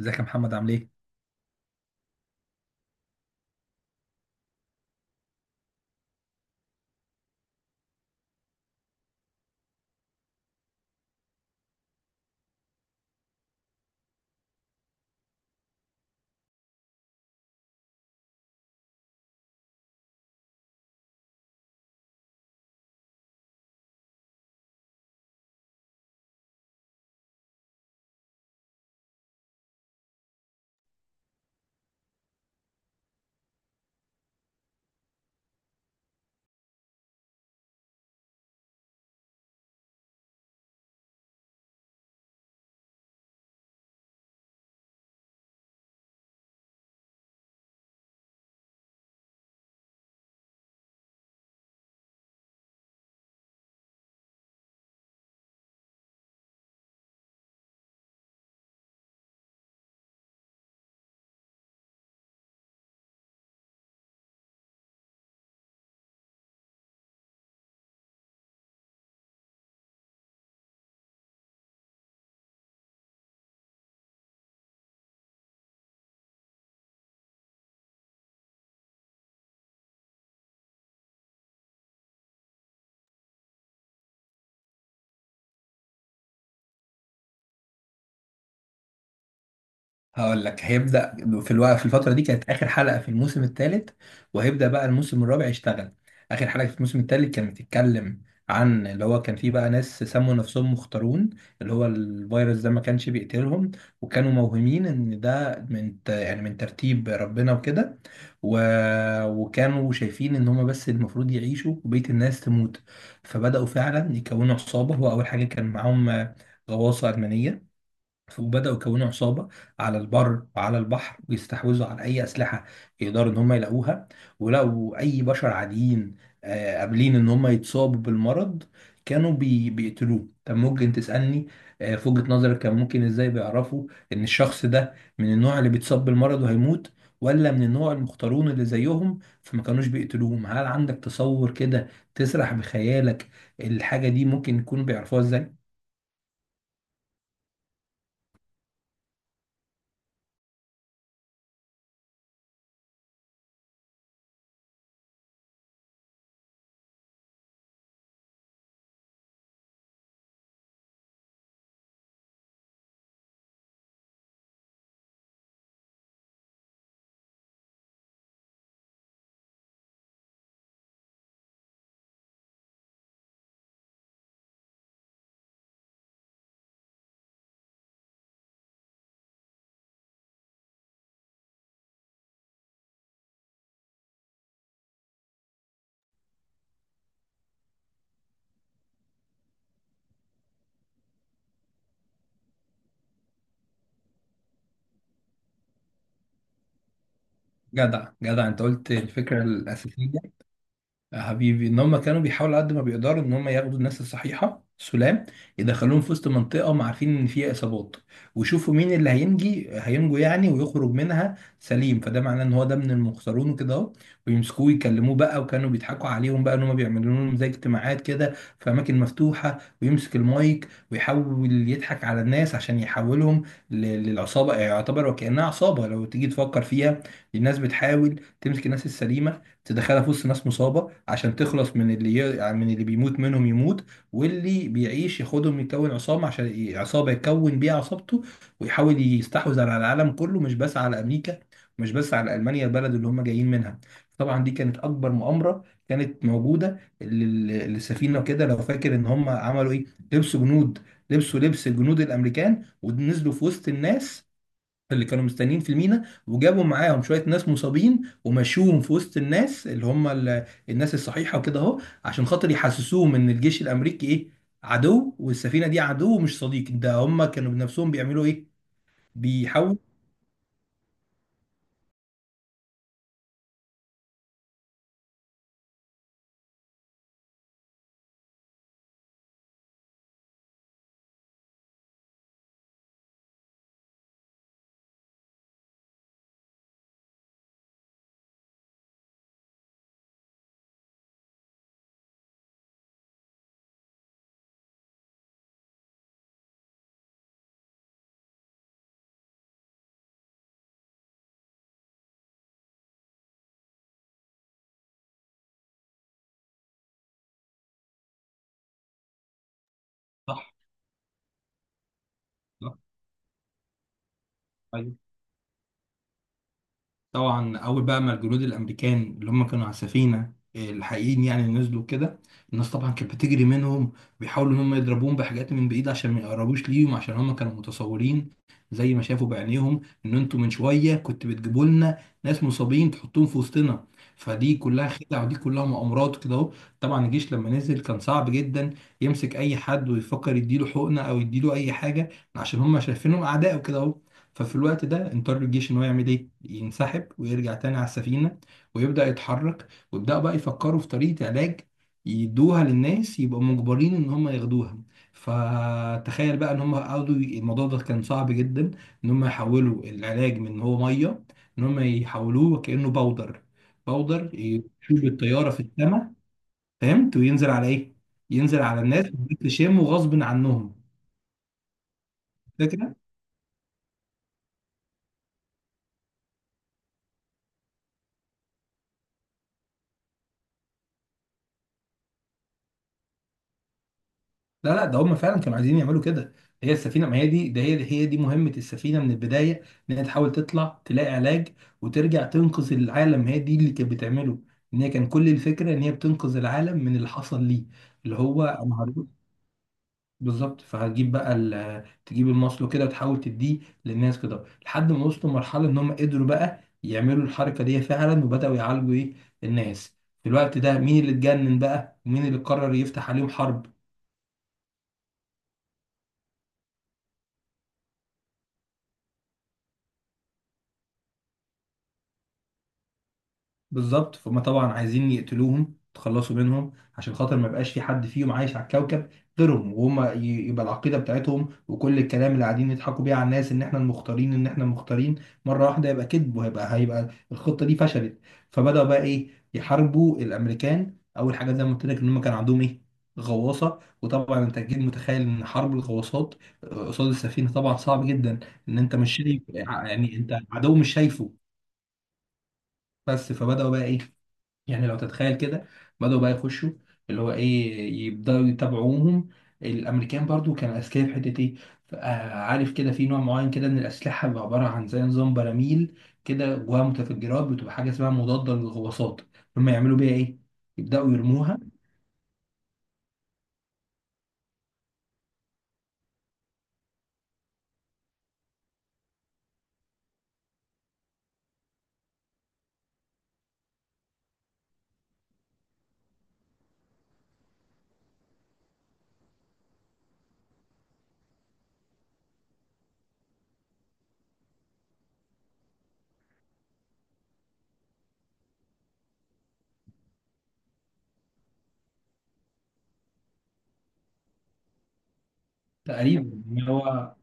ازيك يا محمد عامل ايه؟ هقول لك هيبدأ. في الوقت، في الفترة دي كانت آخر حلقة في الموسم الثالث، وهيبدأ بقى الموسم الرابع يشتغل. آخر حلقة في الموسم الثالث كانت بتتكلم عن اللي هو كان فيه بقى ناس سموا نفسهم مختارون. اللي هو الفيروس ده ما كانش بيقتلهم، وكانوا موهمين ان ده من يعني من ترتيب ربنا وكده، و... وكانوا شايفين ان هما بس المفروض يعيشوا وبقية الناس تموت. فبدأوا فعلا يكونوا عصابة. هو أول حاجة كان معاهم غواصة ألمانية، وبدأوا يكونوا عصابة على البر وعلى البحر، ويستحوذوا على أي أسلحة يقدروا إن هم يلاقوها. ولقوا أي بشر عاديين قابلين إن هم يتصابوا بالمرض كانوا بيقتلوه. طب ممكن تسألني في وجهة نظرك كان ممكن إزاي بيعرفوا إن الشخص ده من النوع اللي بيتصاب بالمرض وهيموت، ولا من النوع المختارون اللي زيهم فما كانوش بيقتلوهم؟ هل عندك تصور كده تسرح بخيالك الحاجة دي ممكن يكونوا بيعرفوها إزاي؟ جدع جدع، انت قلت الفكرة الأساسية. يا حبيبي ان هم كانوا بيحاولوا قد ما بيقدروا ان هم ياخدوا الناس الصحيحه سلام، يدخلوهم في وسط منطقه هم عارفين ان فيها اصابات، ويشوفوا مين اللي هينجو يعني، ويخرج منها سليم. فده معناه ان هو ده من المخسرون وكده اهو، ويمسكوه يكلموه بقى. وكانوا بيضحكوا عليهم بقى ان هم بيعملوا لهم زي اجتماعات كده في اماكن مفتوحه، ويمسك المايك ويحاول يضحك على الناس عشان يحولهم ل- للعصابه. يعني يعتبر وكانها عصابه لو تيجي تفكر فيها، الناس بتحاول تمسك الناس السليمه تدخلها في وسط ناس مصابه عشان تخلص من اللي يعني من اللي بيموت منهم يموت، واللي بيعيش ياخدهم يكون عصابه عشان عصابه يكون بيها عصابته، ويحاول يستحوذ على العالم كله، مش بس على امريكا، مش بس على المانيا البلد اللي هم جايين منها. طبعا دي كانت اكبر مؤامره كانت موجوده للسفينه. وكده لو فاكر ان هم عملوا ايه، لبسوا جنود، لبسوا لبس جنود الامريكان ونزلوا في وسط الناس اللي كانوا مستنيين في المينا، وجابوا معاهم شويه ناس مصابين ومشوهم في وسط الناس اللي هم الناس الصحيحه وكده اهو، عشان خاطر يحسسوهم ان الجيش الامريكي ايه، عدو، والسفينه دي عدو مش صديق. ده هم كانوا بنفسهم بيعملوا ايه، بيحاولوا. صح، صح، أيوة. طبعا اول بقى ما الجنود الامريكان اللي هم كانوا على السفينه الحقيقيين يعني نزلوا كده، الناس طبعا كانت بتجري منهم، بيحاولوا ان هم يضربوهم بحاجات من بعيد عشان ما يقربوش ليهم، عشان هم كانوا متصورين زي ما شافوا بعينيهم ان انتوا من شويه كنت بتجيبوا لنا ناس مصابين تحطوهم في وسطنا. فدي كلها خدع ودي كلها مؤامرات كده اهو. طبعا الجيش لما نزل كان صعب جدا يمسك اي حد ويفكر يديله حقنه او يديله اي حاجه، عشان هم شايفينهم اعداء وكده اهو. ففي الوقت ده اضطر الجيش ان هو يعمل ايه، ينسحب ويرجع تاني على السفينه، ويبدا يتحرك، ويبداوا بقى يفكروا في طريقه علاج يدوها للناس يبقوا مجبرين ان هم ياخدوها. فتخيل بقى ان هم قعدوا الموضوع ده كان صعب جدا ان هم يحولوا العلاج من إن هو ميه، ان هم يحولوه كانه باودر، باودر يشوف الطياره في السماء. فهمت وينزل على ايه، ينزل على الناس ويشموا غصب عنهم. فاكر؟ لا لا، ده هم فعلا كانوا عايزين يعملوا كده. هي السفينه ما هي دي، ده هي دي مهمه السفينه من البدايه، ان هي تحاول تطلع تلاقي علاج وترجع تنقذ العالم. هي دي اللي كانت بتعمله، ان هي كان كل الفكره ان هي بتنقذ العالم من اللي حصل ليه. اللي هو انا هروح. بالظبط، فهتجيب بقى تجيب المصل كده وتحاول تديه للناس كده لحد ما وصلوا لمرحله ان هم قدروا بقى يعملوا الحركه دي فعلا، وبداوا يعالجوا ايه، الناس. في الوقت ده مين اللي اتجنن بقى ومين اللي قرر يفتح عليهم حرب؟ بالظبط، فهم طبعا عايزين يقتلوهم تخلصوا منهم عشان خاطر ما يبقاش في حد فيهم عايش على الكوكب غيرهم. وهم يبقى العقيدة بتاعتهم وكل الكلام اللي قاعدين يضحكوا بيه على الناس ان احنا المختارين، ان احنا المختارين مرة واحدة يبقى كذب، وهيبقى الخطة دي فشلت. فبدأوا بقى ايه، يحاربوا الامريكان. اول حاجة زي ما قلت لك ان هم كان عندهم ايه، غواصة. وطبعا انت اكيد متخيل ان حرب الغواصات قصاد السفينة طبعا صعب جدا، ان انت مش شايف، يعني انت عدو مش شايفه. بس فبدأوا بقى ايه، يعني لو تتخيل كده، بدأوا بقى يخشوا اللي هو ايه، يبدأوا يتابعوهم. الامريكان برضو كانوا اذكياء في حته ايه، عارف كده في نوع معين كده من الاسلحه بيبقى عباره عن زي نظام براميل كده جواها متفجرات، بتبقى حاجه اسمها مضاده للغواصات. هم يعملوا بيها ايه، يبدأوا يرموها. تقريبا إن هو،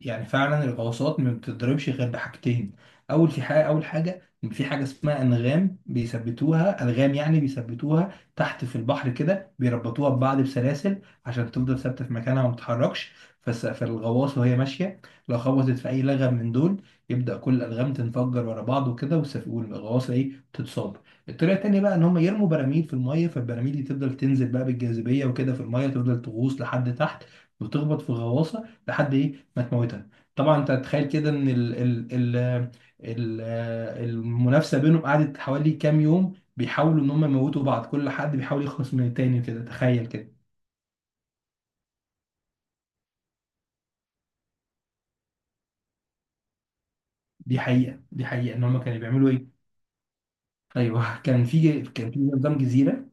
يعني فعلا الغواصات ما بتضربش غير بحاجتين. اول في حاجه، اول حاجه إن في حاجه اسمها انغام، بيثبتوها الغام، يعني بيثبتوها تحت في البحر كده، بيربطوها ببعض بسلاسل عشان تفضل ثابته في مكانها وما تتحركش. فالغواصه وهي ماشيه لو خبطت في اي لغم من دول، يبدا كل الالغام تنفجر ورا بعض وكده، والغواصه ايه، تتصاب. الطريقه التانيه بقى ان هم يرموا براميل في الميه، فالبراميل دي تفضل تنزل بقى بالجاذبيه وكده في الميه، تفضل تغوص لحد تحت وتخبط في غواصه لحد ايه ما تموتها. طبعا انت تتخيل كده ان ال ال ال ال المنافسه بينهم قعدت حوالي كام يوم بيحاولوا ان هم يموتوا بعض، كل حد بيحاول يخلص من التاني وكده، تخيل كده. دي حقيقه، دي حقيقه ان هم كانوا بيعملوا ايه. ايوه كان في، كان في نظام جزيره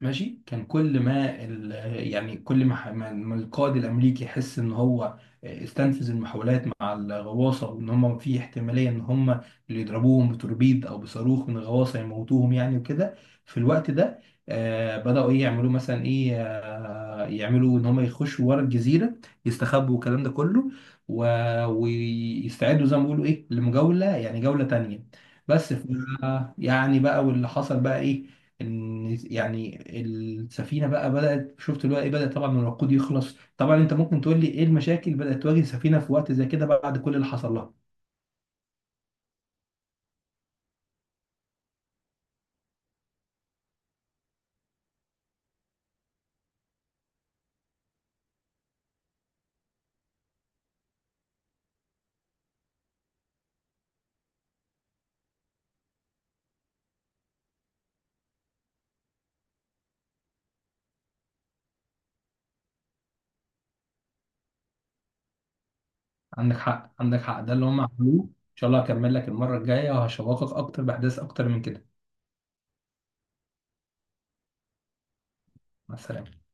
ماشي. كان كل ما ال... يعني كل ما, ح- ما ما القائد الامريكي يحس ان هو استنفذ المحاولات مع الغواصه، وان هم في احتماليه ان هم اللي يضربوهم بتوربيد او بصاروخ من الغواصه يموتوهم يعني وكده. في الوقت ده بداوا ايه يعملوا، مثلا ايه، يعملوا ان هم يخشوا ورا الجزيره يستخبوا والكلام ده كله، و... ويستعدوا زي ما بيقولوا ايه، لمجوله، يعني جوله تانيه. بس ف... يعني بقى واللي حصل بقى ايه، ان يعني السفينه بقى بدات شفت اللي هو ايه، بدات طبعا من الوقود يخلص. طبعا انت ممكن تقول لي ايه المشاكل بدات تواجه السفينه في وقت زي كده بعد كل اللي حصل لها؟ عندك حق، عندك حق. ده اللي هم عملوه. ان شاء الله هكمل لك المره الجايه وهشوقك اكتر باحداث اكتر من كده. مع السلامه.